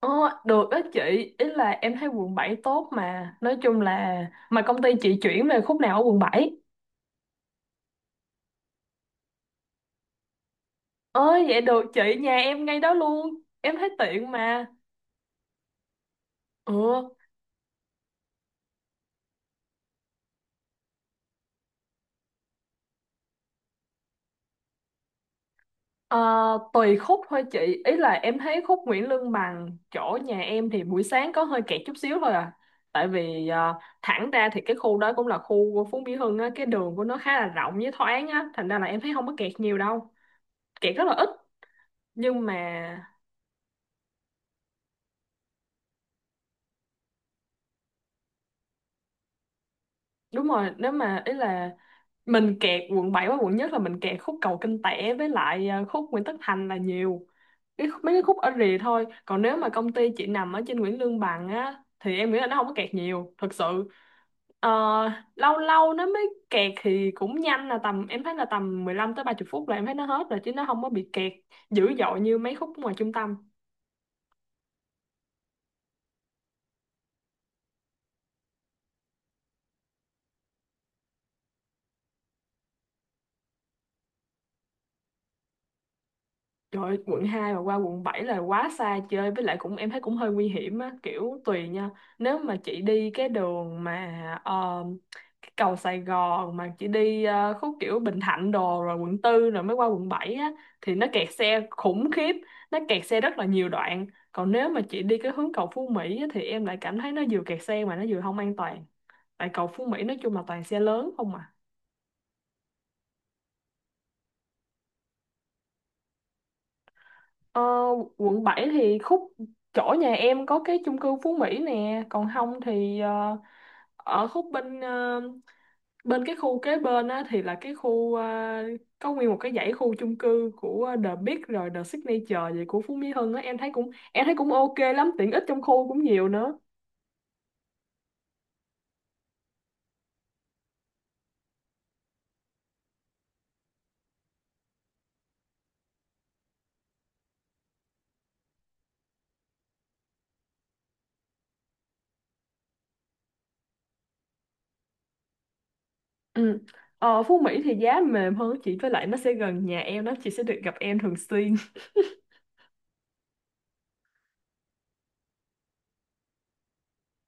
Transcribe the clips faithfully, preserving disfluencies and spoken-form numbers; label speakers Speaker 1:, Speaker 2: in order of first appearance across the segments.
Speaker 1: Ờ, được đó chị, ý là em thấy quận bảy tốt mà. Nói chung là mà công ty chị chuyển về khúc nào ở quận bảy? Ờ vậy được chị, nhà em ngay đó luôn. Em thấy tiện mà. Ừ, ờ, tùy khúc thôi chị. Ý là em thấy khúc Nguyễn Lương Bằng chỗ nhà em thì buổi sáng có hơi kẹt chút xíu thôi à. Tại vì ờ, thẳng ra thì cái khu đó cũng là khu của Phú Mỹ Hưng á. Cái đường của nó khá là rộng với thoáng á. Thành ra là em thấy không có kẹt nhiều đâu. Kẹt rất là ít. Nhưng mà đúng rồi, nếu mà ý là mình kẹt quận bảy và quận nhất là mình kẹt khúc cầu Kinh Tẻ với lại à, khúc Nguyễn Tất Thành là nhiều cái, khúc- mấy cái khúc ở rìa thôi, còn nếu mà công ty chị nằm ở trên Nguyễn Lương Bằng á thì em nghĩ là nó không có kẹt nhiều thật sự. Ờ, Lâu lâu nó mới kẹt thì cũng nhanh, là tầm em thấy là tầm mười lăm tới ba mươi phút là em thấy nó hết rồi, chứ nó không có bị kẹt dữ dội như mấy khúc ngoài trung tâm. Trời ơi, quận hai mà qua quận bảy là quá xa chơi, với lại cũng em thấy cũng hơi nguy hiểm á, kiểu tùy nha. Nếu mà chị đi cái đường mà ờ, cái cầu Sài Gòn, mà chị đi ờ, khúc kiểu Bình Thạnh đồ rồi quận tư rồi mới qua quận bảy á thì nó kẹt xe khủng khiếp, nó kẹt xe rất là nhiều đoạn. Còn nếu mà chị đi cái hướng cầu Phú Mỹ á, thì em lại cảm thấy nó vừa kẹt xe mà nó vừa không an toàn, tại cầu Phú Mỹ nói chung là toàn xe lớn không à. Ờ, Quận bảy thì khúc chỗ nhà em có cái chung cư Phú Mỹ nè, còn không thì ờ, ở khúc bên ờ, bên cái khu kế bên á thì là cái khu ờ, có nguyên một cái dãy khu chung cư của The Big rồi The Signature vậy của Phú Mỹ Hưng á, em thấy cũng em thấy cũng ok lắm, tiện ích trong khu cũng nhiều nữa. Ừ. Ờ, Phú Mỹ thì giá mềm hơn chị, với lại nó sẽ gần nhà em đó, chị sẽ được gặp em thường xuyên.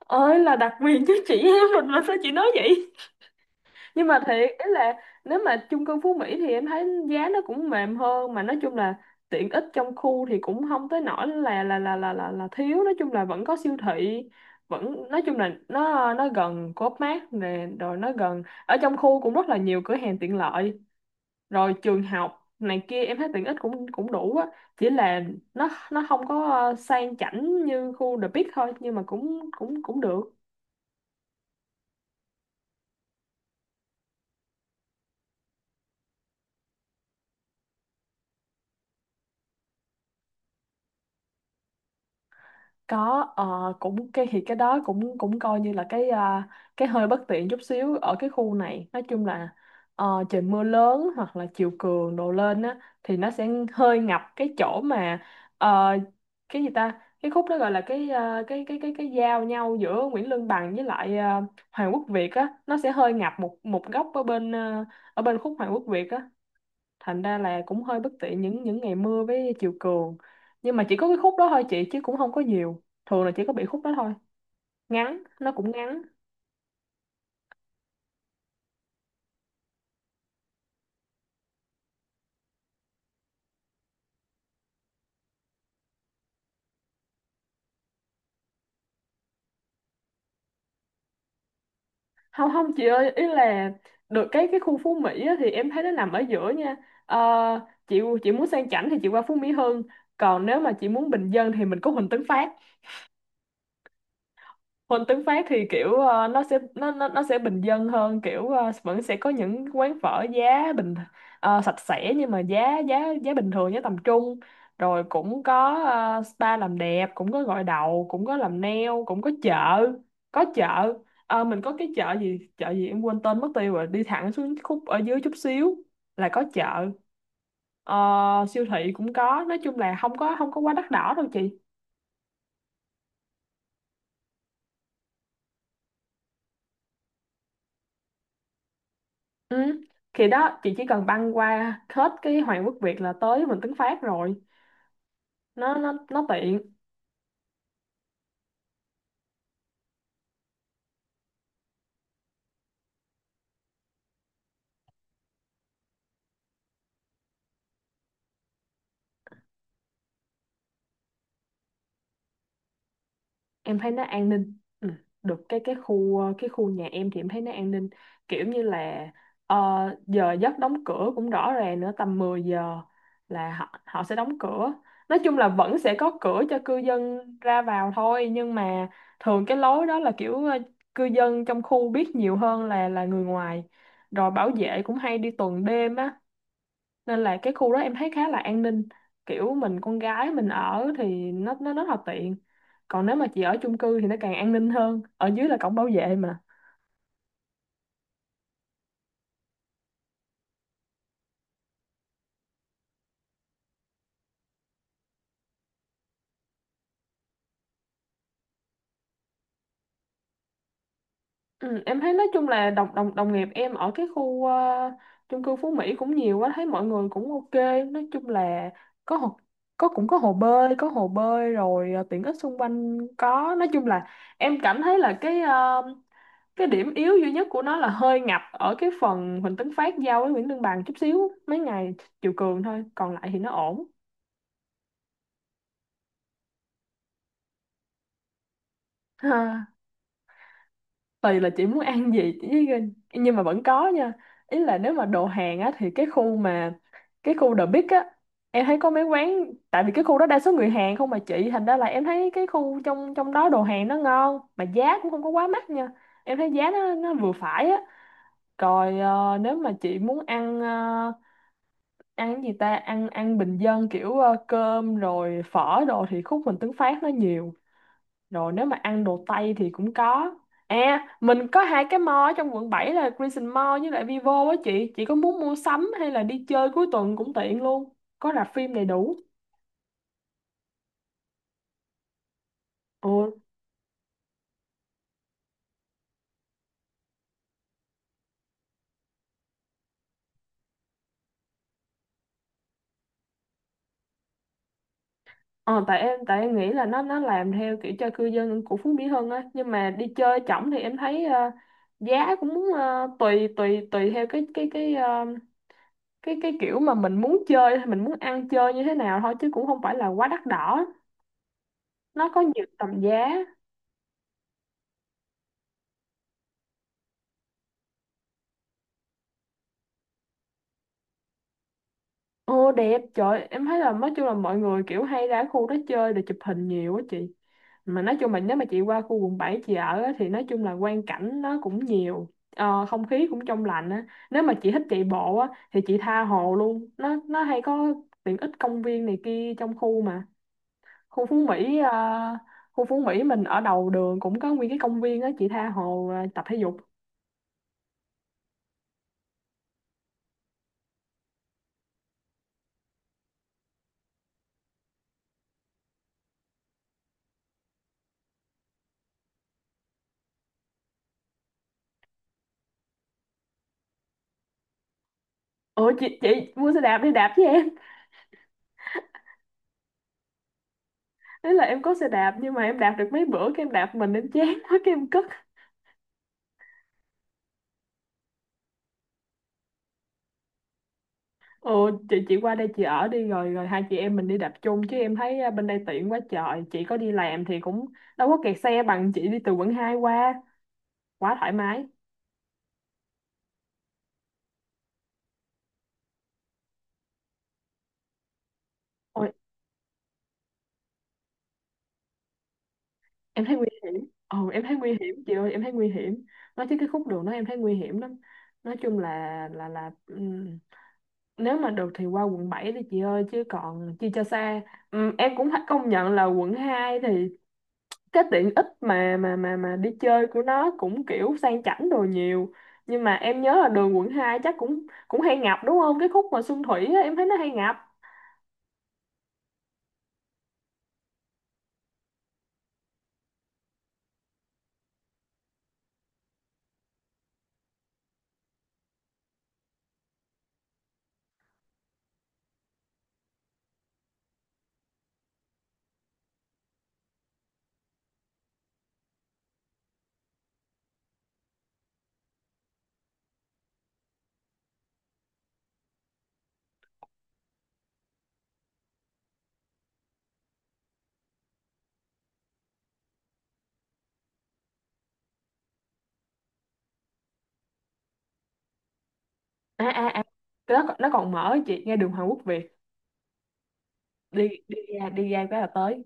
Speaker 1: Ơi, là đặc quyền chứ, chị em mình mà sao chị nói vậy? Nhưng mà thiệt, ý là nếu mà chung cư Phú Mỹ thì em thấy giá nó cũng mềm hơn, mà nói chung là tiện ích trong khu thì cũng không tới nỗi là là là là là, là thiếu, nói chung là vẫn có siêu thị, vẫn nói chung là nó nó gần Co.op Mart nè, rồi nó gần, ở trong khu cũng rất là nhiều cửa hàng tiện lợi, rồi trường học này kia, em thấy tiện ích cũng cũng đủ á. Chỉ là nó nó không có ờ, sang chảnh như khu The Peak thôi, nhưng mà cũng cũng cũng được. Có ờ, cũng cái thì cái đó cũng cũng coi như là cái à, cái hơi bất tiện chút xíu ở cái khu này, nói chung là ờ, trời mưa lớn hoặc là chiều cường đổ lên á thì nó sẽ hơi ngập cái chỗ mà ờ, cái gì ta, cái khúc đó gọi là cái ờ, cái cái cái cái giao nhau giữa Nguyễn Lương Bằng với lại ờ, Hoàng Quốc Việt á, nó sẽ hơi ngập một một góc ở bên ờ, ở bên khúc Hoàng Quốc Việt á, thành ra là cũng hơi bất tiện những những ngày mưa với chiều cường, nhưng mà chỉ có cái khúc đó thôi chị, chứ cũng không có nhiều, thường là chỉ có bị khúc đó thôi, ngắn nó cũng ngắn. Không không chị ơi, ý là được cái cái khu Phú Mỹ á, thì em thấy nó nằm ở giữa nha. Ờ, chị chị muốn sang chảnh thì chị qua Phú Mỹ Hưng, còn nếu mà chị muốn bình dân thì mình có Huỳnh Tấn Phát. Môn tiếng Pháp thì kiểu ờ, nó sẽ nó nó nó sẽ bình dân hơn, kiểu ờ, vẫn sẽ có những quán phở giá bình, ờ, sạch sẽ, nhưng mà giá giá giá bình thường, giá tầm trung, rồi cũng có ờ, spa làm đẹp, cũng có gội đầu, cũng có làm nail, cũng có chợ, có chợ. Ờ, mình có cái chợ gì chợ gì em quên tên mất tiêu rồi, đi thẳng xuống khúc ở dưới chút xíu là có chợ. Ờ, Siêu thị cũng có, nói chung là không có không có quá đắt đỏ đâu chị. Ừ. Thì đó chị, chỉ cần băng qua hết cái Hoàng Quốc Việt là tới Vịnh Tấn Phát rồi, nó nó nó tiện. Em thấy nó an ninh, ừ. Được cái cái khu ờ, cái khu nhà em thì em thấy nó an ninh, kiểu như là ờ, giờ giấc đóng cửa cũng rõ ràng nữa, tầm mười giờ là họ họ sẽ đóng cửa. Nói chung là vẫn sẽ có cửa cho cư dân ra vào thôi, nhưng mà thường cái lối đó là kiểu ờ, cư dân trong khu biết nhiều hơn là là người ngoài, rồi bảo vệ cũng hay đi tuần đêm á, nên là cái khu đó em thấy khá là an ninh, kiểu mình con gái mình ở thì nó nó rất là tiện. Còn nếu mà chị ở chung cư thì nó càng an ninh hơn, ở dưới là cổng bảo vệ mà. Ừ, em thấy nói chung là đồng đồng đồng nghiệp em ở cái khu ờ, chung cư Phú Mỹ cũng nhiều, quá thấy mọi người cũng ok. Nói chung là có hồ, có cũng có hồ bơi, có hồ bơi, rồi ờ, tiện ích xung quanh có, nói chung là em cảm thấy là cái ờ, cái điểm yếu duy nhất của nó là hơi ngập ở cái phần Huỳnh Tấn Phát giao với Nguyễn Lương Bằng chút xíu mấy ngày chiều cường thôi, còn lại thì nó ổn. Tùy là chị muốn ăn gì chỉ- nhưng mà vẫn có nha, ý là nếu mà đồ Hàn á thì cái khu mà cái khu The Big á em thấy có mấy quán, tại vì cái khu đó đa số người Hàn không mà chị, thành ra là em thấy cái khu trong trong đó đồ Hàn nó ngon mà giá cũng không có quá mắc nha, em thấy giá nó nó vừa phải á. Rồi ờ, nếu mà chị muốn ăn ờ, ăn cái gì ta, ăn ăn bình dân kiểu ờ, cơm rồi phở đồ thì khúc mình Tuấn Phát nó nhiều, rồi nếu mà ăn đồ Tây thì cũng có. À, mình có hai cái mall ở trong quận bảy là Crescent Mall với lại Vivo á chị. Chị có muốn mua sắm hay là đi chơi cuối tuần cũng tiện luôn. Có rạp phim đầy đủ. Ồ, ờ, tại em tại em nghĩ là nó nó làm theo kiểu cho cư dân của Phú Mỹ Hưng á. Nhưng mà đi chơi chổng thì em thấy ờ, giá cũng ờ, tùy tùy tùy theo cái cái cái ờ, cái cái kiểu mà mình muốn chơi hay mình muốn ăn chơi như thế nào thôi, chứ cũng không phải là quá đắt đỏ. Nó có nhiều tầm giá. Ồ đẹp, trời em thấy là nói chung là mọi người kiểu hay ra khu đó chơi để chụp hình nhiều quá chị. Mà nói chung là nếu mà chị qua khu quận bảy chị ở á, thì nói chung là quang cảnh nó cũng nhiều, ờ, không khí cũng trong lành á. Nếu mà chị thích chạy bộ á thì chị tha hồ luôn. Nó nó hay có tiện ích công viên này kia trong khu mà. Khu Phú Mỹ ờ, khu Phú Mỹ mình ở đầu đường cũng có nguyên cái công viên á, chị tha hồ ờ, tập thể dục. Ủa chị chị mua xe đạp đi đạp với em. Thế là em có xe đạp nhưng mà em đạp được mấy bữa cái em đạp mình em chán quá cái em cất. Ồ chị chị qua đây chị ở đi, rồi rồi hai chị em mình đi đạp chung, chứ em thấy à, bên đây tiện quá trời. Chị có đi làm thì cũng đâu có kẹt xe bằng chị đi từ quận hai qua, quá thoải mái. Ôi em thấy nguy hiểm. Ồ em thấy nguy hiểm chị ơi, em thấy nguy hiểm. Nói chứ cái khúc đường đó em thấy nguy hiểm lắm. Nói chung là là là ừm, nếu mà được thì qua quận bảy đi chị ơi, chứ còn chi cho xa. Ừm, em cũng phải công nhận là quận hai thì cái tiện ích mà mà mà mà đi chơi của nó cũng kiểu sang chảnh đồ nhiều, nhưng mà em nhớ là đường quận hai chắc cũng cũng hay ngập đúng không, cái khúc mà Xuân Thủy á, em thấy nó hay ngập. À à à, nó, còn- nó còn mở chị, ngay đường Hoàng Quốc Việt đi đi ra đi ra cái là tới.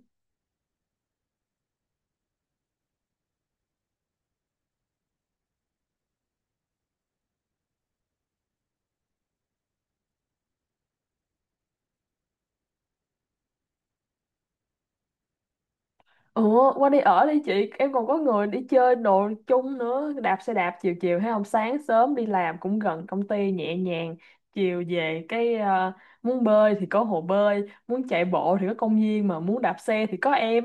Speaker 1: Ủa qua đi ở đi chị, em còn có người đi chơi đồ chung nữa, đạp xe đạp chiều chiều, hay không sáng sớm đi làm cũng gần công ty nhẹ nhàng, chiều về cái ờ, muốn bơi thì có hồ bơi, muốn chạy bộ thì có công viên, mà muốn đạp xe thì có em.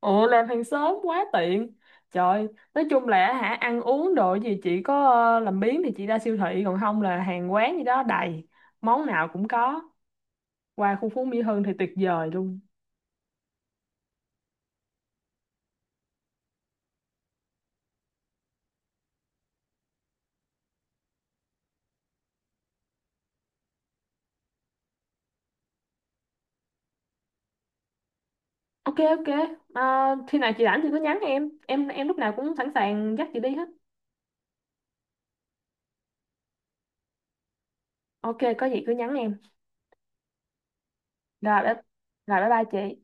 Speaker 1: Ủa làm hàng sớm quá tiện. Trời, nói chung là hả, ăn uống đồ gì chỉ có ờ, làm biếng thì chị ra siêu thị, còn không là hàng quán gì đó đầy, món nào cũng có. Qua khu phố Mỹ Hưng thì tuyệt vời luôn. Ok ok, à, khi nào chị rảnh thì cứ nhắn em. Em em lúc nào cũng sẵn sàng dắt chị đi hết. Ok có gì cứ nhắn em. Rồi bye, rồi, bye bye chị.